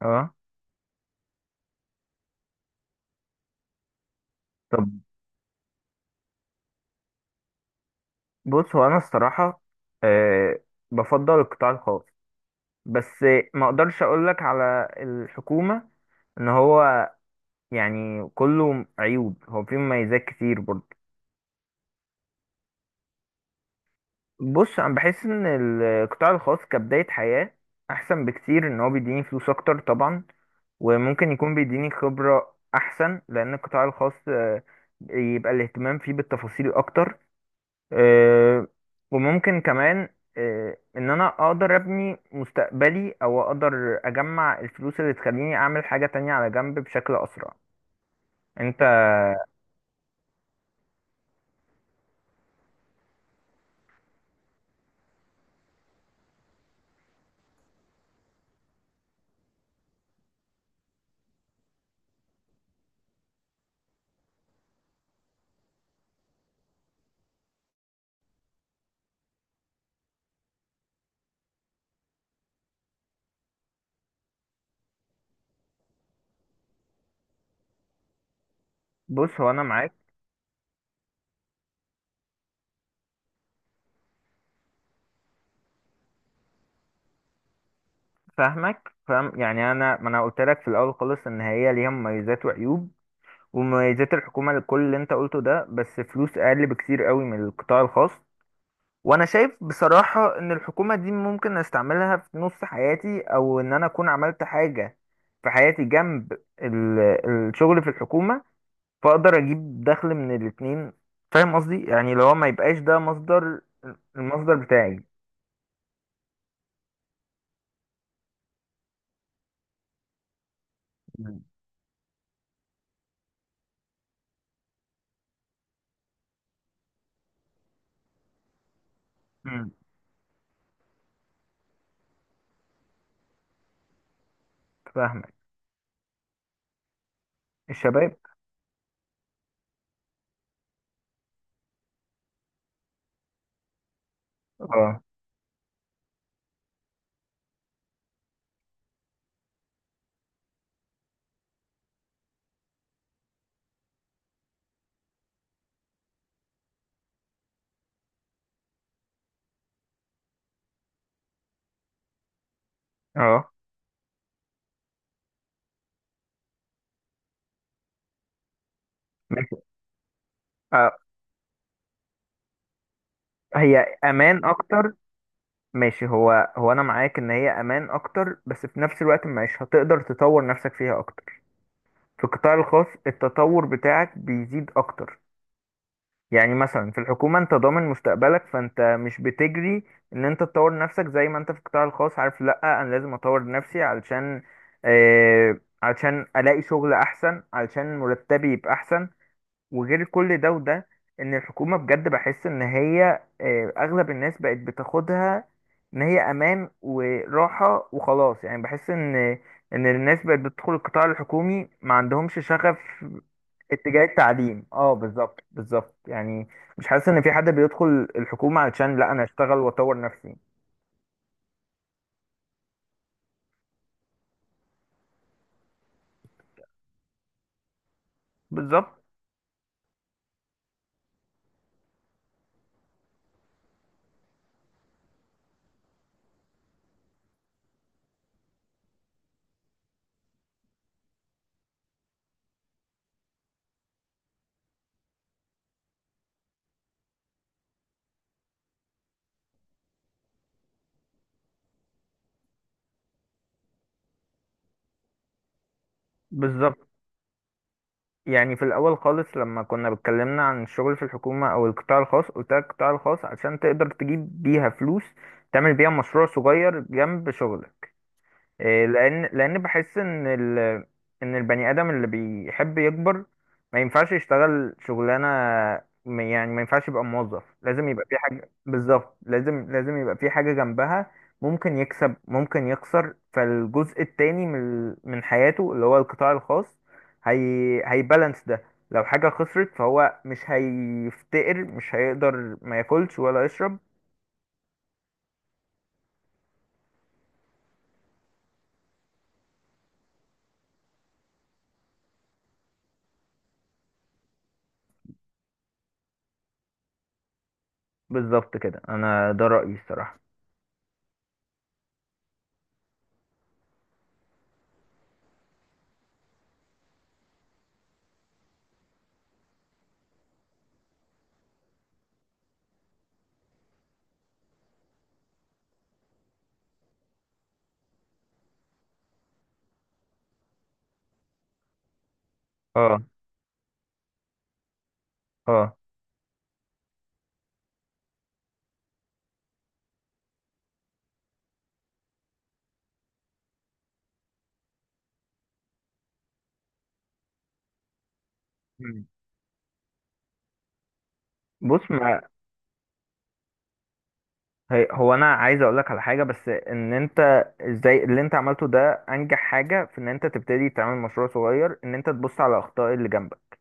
اه. طب، بص هو انا الصراحه، أه بفضل القطاع الخاص. بس ما اقدرش اقول لك على الحكومه ان هو، يعني كله عيوب، هو فيه مميزات كتير برضه. بص انا بحس ان القطاع الخاص كبدايه حياه احسن بكتير، ان هو بيديني فلوس اكتر طبعا، وممكن يكون بيديني خبره احسن، لان القطاع الخاص يبقى الاهتمام فيه بالتفاصيل اكتر. آه، وممكن كمان ان انا اقدر ابني مستقبلي او اقدر اجمع الفلوس اللي تخليني اعمل حاجة تانية على جنب بشكل اسرع. انت. بص هو انا معاك. فاهمك، فاهم، يعني انا ما انا قلت لك في الاول خالص ان هي ليها مميزات وعيوب، ومميزات الحكومة لكل اللي انت قلته ده، بس فلوس اقل بكتير قوي من القطاع الخاص. وانا شايف بصراحة ان الحكومة دي ممكن استعملها في نص حياتي، او ان انا اكون عملت حاجة في حياتي جنب ال- الشغل في الحكومة، فاقدر اجيب دخل من الاتنين. فاهم قصدي؟ يعني لو ما يبقاش ده مصدر، المصدر بتاعي. مم. مم. فاهمك. الشباب. اه، اه، ماشي. آه. هي امان اكتر. ماشي، هو انا معاك ان هي امان اكتر، بس في نفس الوقت مش هتقدر تطور نفسك فيها اكتر. في القطاع الخاص التطور بتاعك بيزيد اكتر، يعني مثلا في الحكومة انت ضامن مستقبلك، فانت مش بتجري ان انت تطور نفسك زي ما انت في القطاع الخاص. عارف، لا انا لازم اطور نفسي علشان علشان الاقي شغل احسن، علشان مرتبي يبقى احسن، وغير كل ده وده، ان الحكومة بجد بحس ان هي، اغلب الناس بقت بتاخدها ان هي امان وراحة وخلاص، يعني بحس ان ان الناس بقت بتدخل القطاع الحكومي ما عندهمش شغف. اتجاه التعليم، اه، بالظبط بالظبط، يعني مش حاسس ان في حد بيدخل الحكومة علشان لا انا اشتغل واطور نفسي. بالظبط بالظبط، يعني في الاول خالص لما كنا بتكلمنا عن الشغل في الحكومة او القطاع الخاص، قلت لك القطاع الخاص علشان تقدر تجيب بيها فلوس تعمل بيها مشروع صغير جنب شغلك. إيه، لان بحس ان ان البني ادم اللي بيحب يكبر ما ينفعش يشتغل شغلانه، يعني ما ينفعش يبقى موظف، لازم يبقى في حاجه بالظبط، لازم لازم يبقى في حاجه جنبها. ممكن يكسب، ممكن يخسر، فالجزء التاني من من حياته اللي هو القطاع الخاص، هي هيبالانس ده. لو حاجه خسرت فهو مش هيفتقر، مش هيقدر، ما ياكلش ولا يشرب. بالظبط، كده انا ده رايي الصراحه. اه. اه. مم. بص، ما هي هو انا عايز اقول لك على حاجه، بس ان انت ازاي اللي انت عملته ده انجح حاجه في ان انت تبتدي تعمل مشروع صغير، ان انت تبص على الاخطاء اللي جنبك.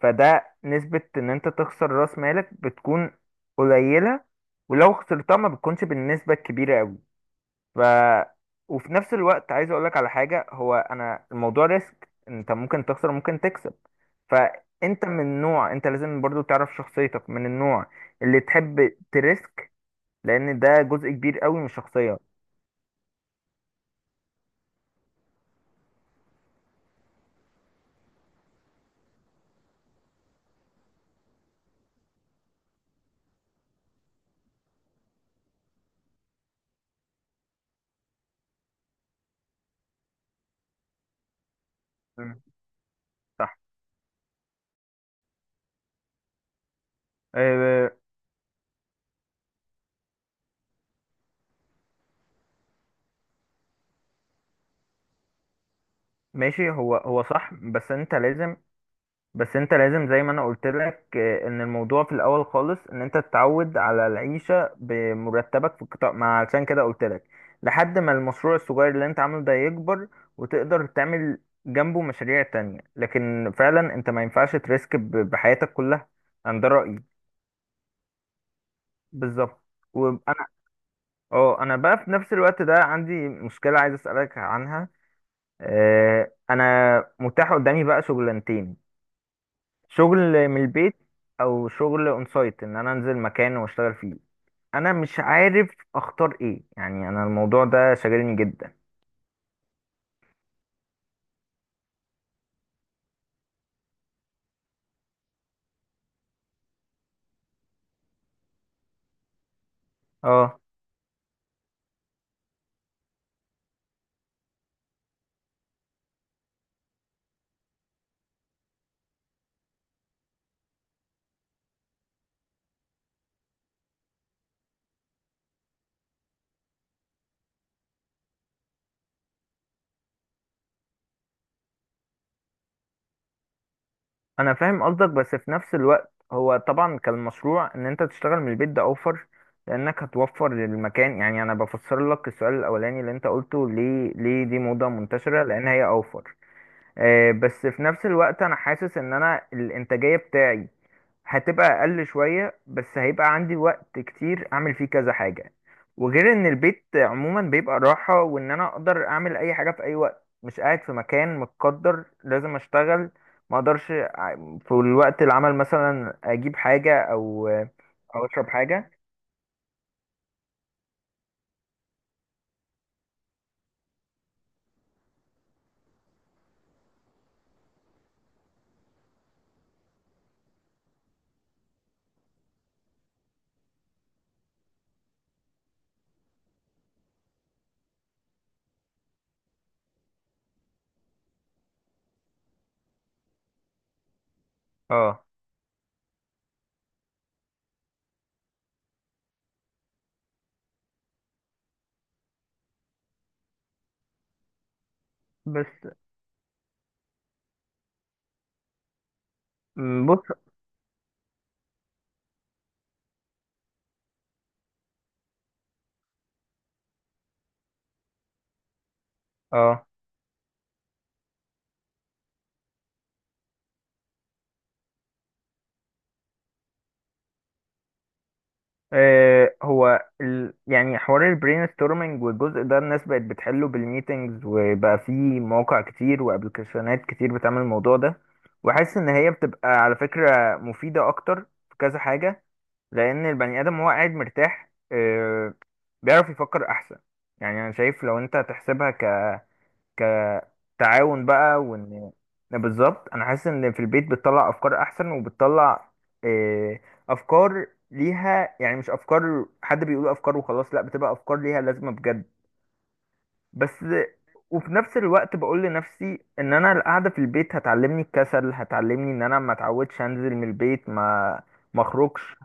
فده نسبه ان انت تخسر راس مالك بتكون قليله، ولو خسرتها ما بتكونش بالنسبه الكبيره قوي. ف وفي نفس الوقت عايز اقول لك على حاجه، هو انا الموضوع ريسك، انت ممكن تخسر، ممكن تكسب. فانت من نوع، انت لازم برضو تعرف شخصيتك من النوع اللي تحب تريسك، لان ده جزء كبير قوي من الشخصيه. مم. صح. آه، ماشي. هو صح، بس انت لازم زي ما انا قلت لك، ان الموضوع في الاول خالص ان انت تتعود على العيشه بمرتبك في القطاع، ما علشان كده قلت لك لحد ما المشروع الصغير اللي انت عامله ده يكبر وتقدر تعمل جنبه مشاريع تانية، لكن فعلا انت ما ينفعش تريسك بحياتك كلها. انا ده رأيي. بالظبط. وانا اه انا بقى في نفس الوقت ده عندي مشكلة عايز اسألك عنها. انا متاح قدامي بقى شغلانتين، شغل من البيت او شغل اون سايت ان انا انزل مكان واشتغل فيه. انا مش عارف اختار ايه، يعني انا الموضوع ده شاغلني جدا. اه، انا فاهم قصدك، بس في نفس الوقت هو طبعا كان المشروع ان انت تشتغل من البيت ده اوفر، لانك هتوفر للمكان، يعني انا بفسر لك السؤال الاولاني اللي انت قلته ليه دي موضة منتشرة، لان هي اوفر. بس في نفس الوقت انا حاسس ان انا الانتاجية بتاعي هتبقى اقل شوية، بس هيبقى عندي وقت كتير اعمل فيه كذا حاجة، وغير ان البيت عموما بيبقى راحة، وان انا اقدر اعمل اي حاجة في اي وقت، مش قاعد في مكان متقدر لازم اشتغل، ما اقدرش في الوقت العمل مثلا اجيب حاجة او اشرب حاجة. اه. بس. بص. اه. هو يعني حوار البرين ستورمنج والجزء ده الناس بقت بتحله بالميتنجز، وبقى في مواقع كتير وابلكيشنات كتير بتعمل الموضوع ده، وحاسس ان هي بتبقى على فكرة مفيدة اكتر في كذا حاجة، لان البني ادم وهو قاعد مرتاح بيعرف يفكر احسن. يعني انا شايف لو انت هتحسبها كتعاون بقى، بالظبط، انا حاسس ان في البيت بتطلع افكار احسن، وبتطلع آه، افكار ليها، يعني مش افكار حد بيقول افكار وخلاص، لا بتبقى افكار ليها لازمة بجد. بس. وفي نفس الوقت بقول لنفسي ان انا القعده في البيت هتعلمني الكسل، هتعلمني ان انا ما اتعودش انزل من البيت، ما اخرجش.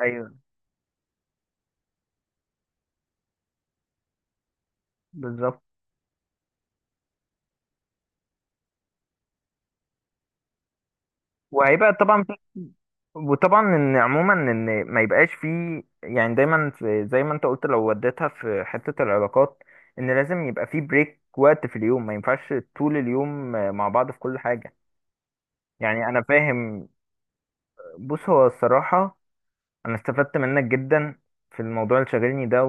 ايوه، بالظبط. وهيبقى طبعا وطبعا ان عموما ان ما يبقاش فيه، يعني دايما في، زي ما انت قلت لو وديتها في حتة العلاقات، ان لازم يبقى فيه بريك وقت في اليوم، ما ينفعش طول اليوم مع بعض في كل حاجة. يعني انا فاهم. بص هو الصراحة انا استفدت منك جدا في الموضوع اللي شاغلني ده.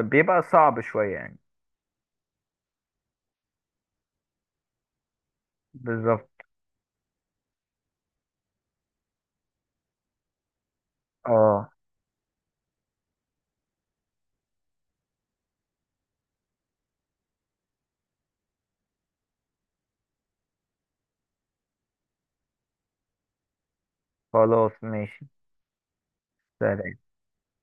وبيبقى صعب شوية يعني. بالظبط. اه، خلاص ماشي، سلام.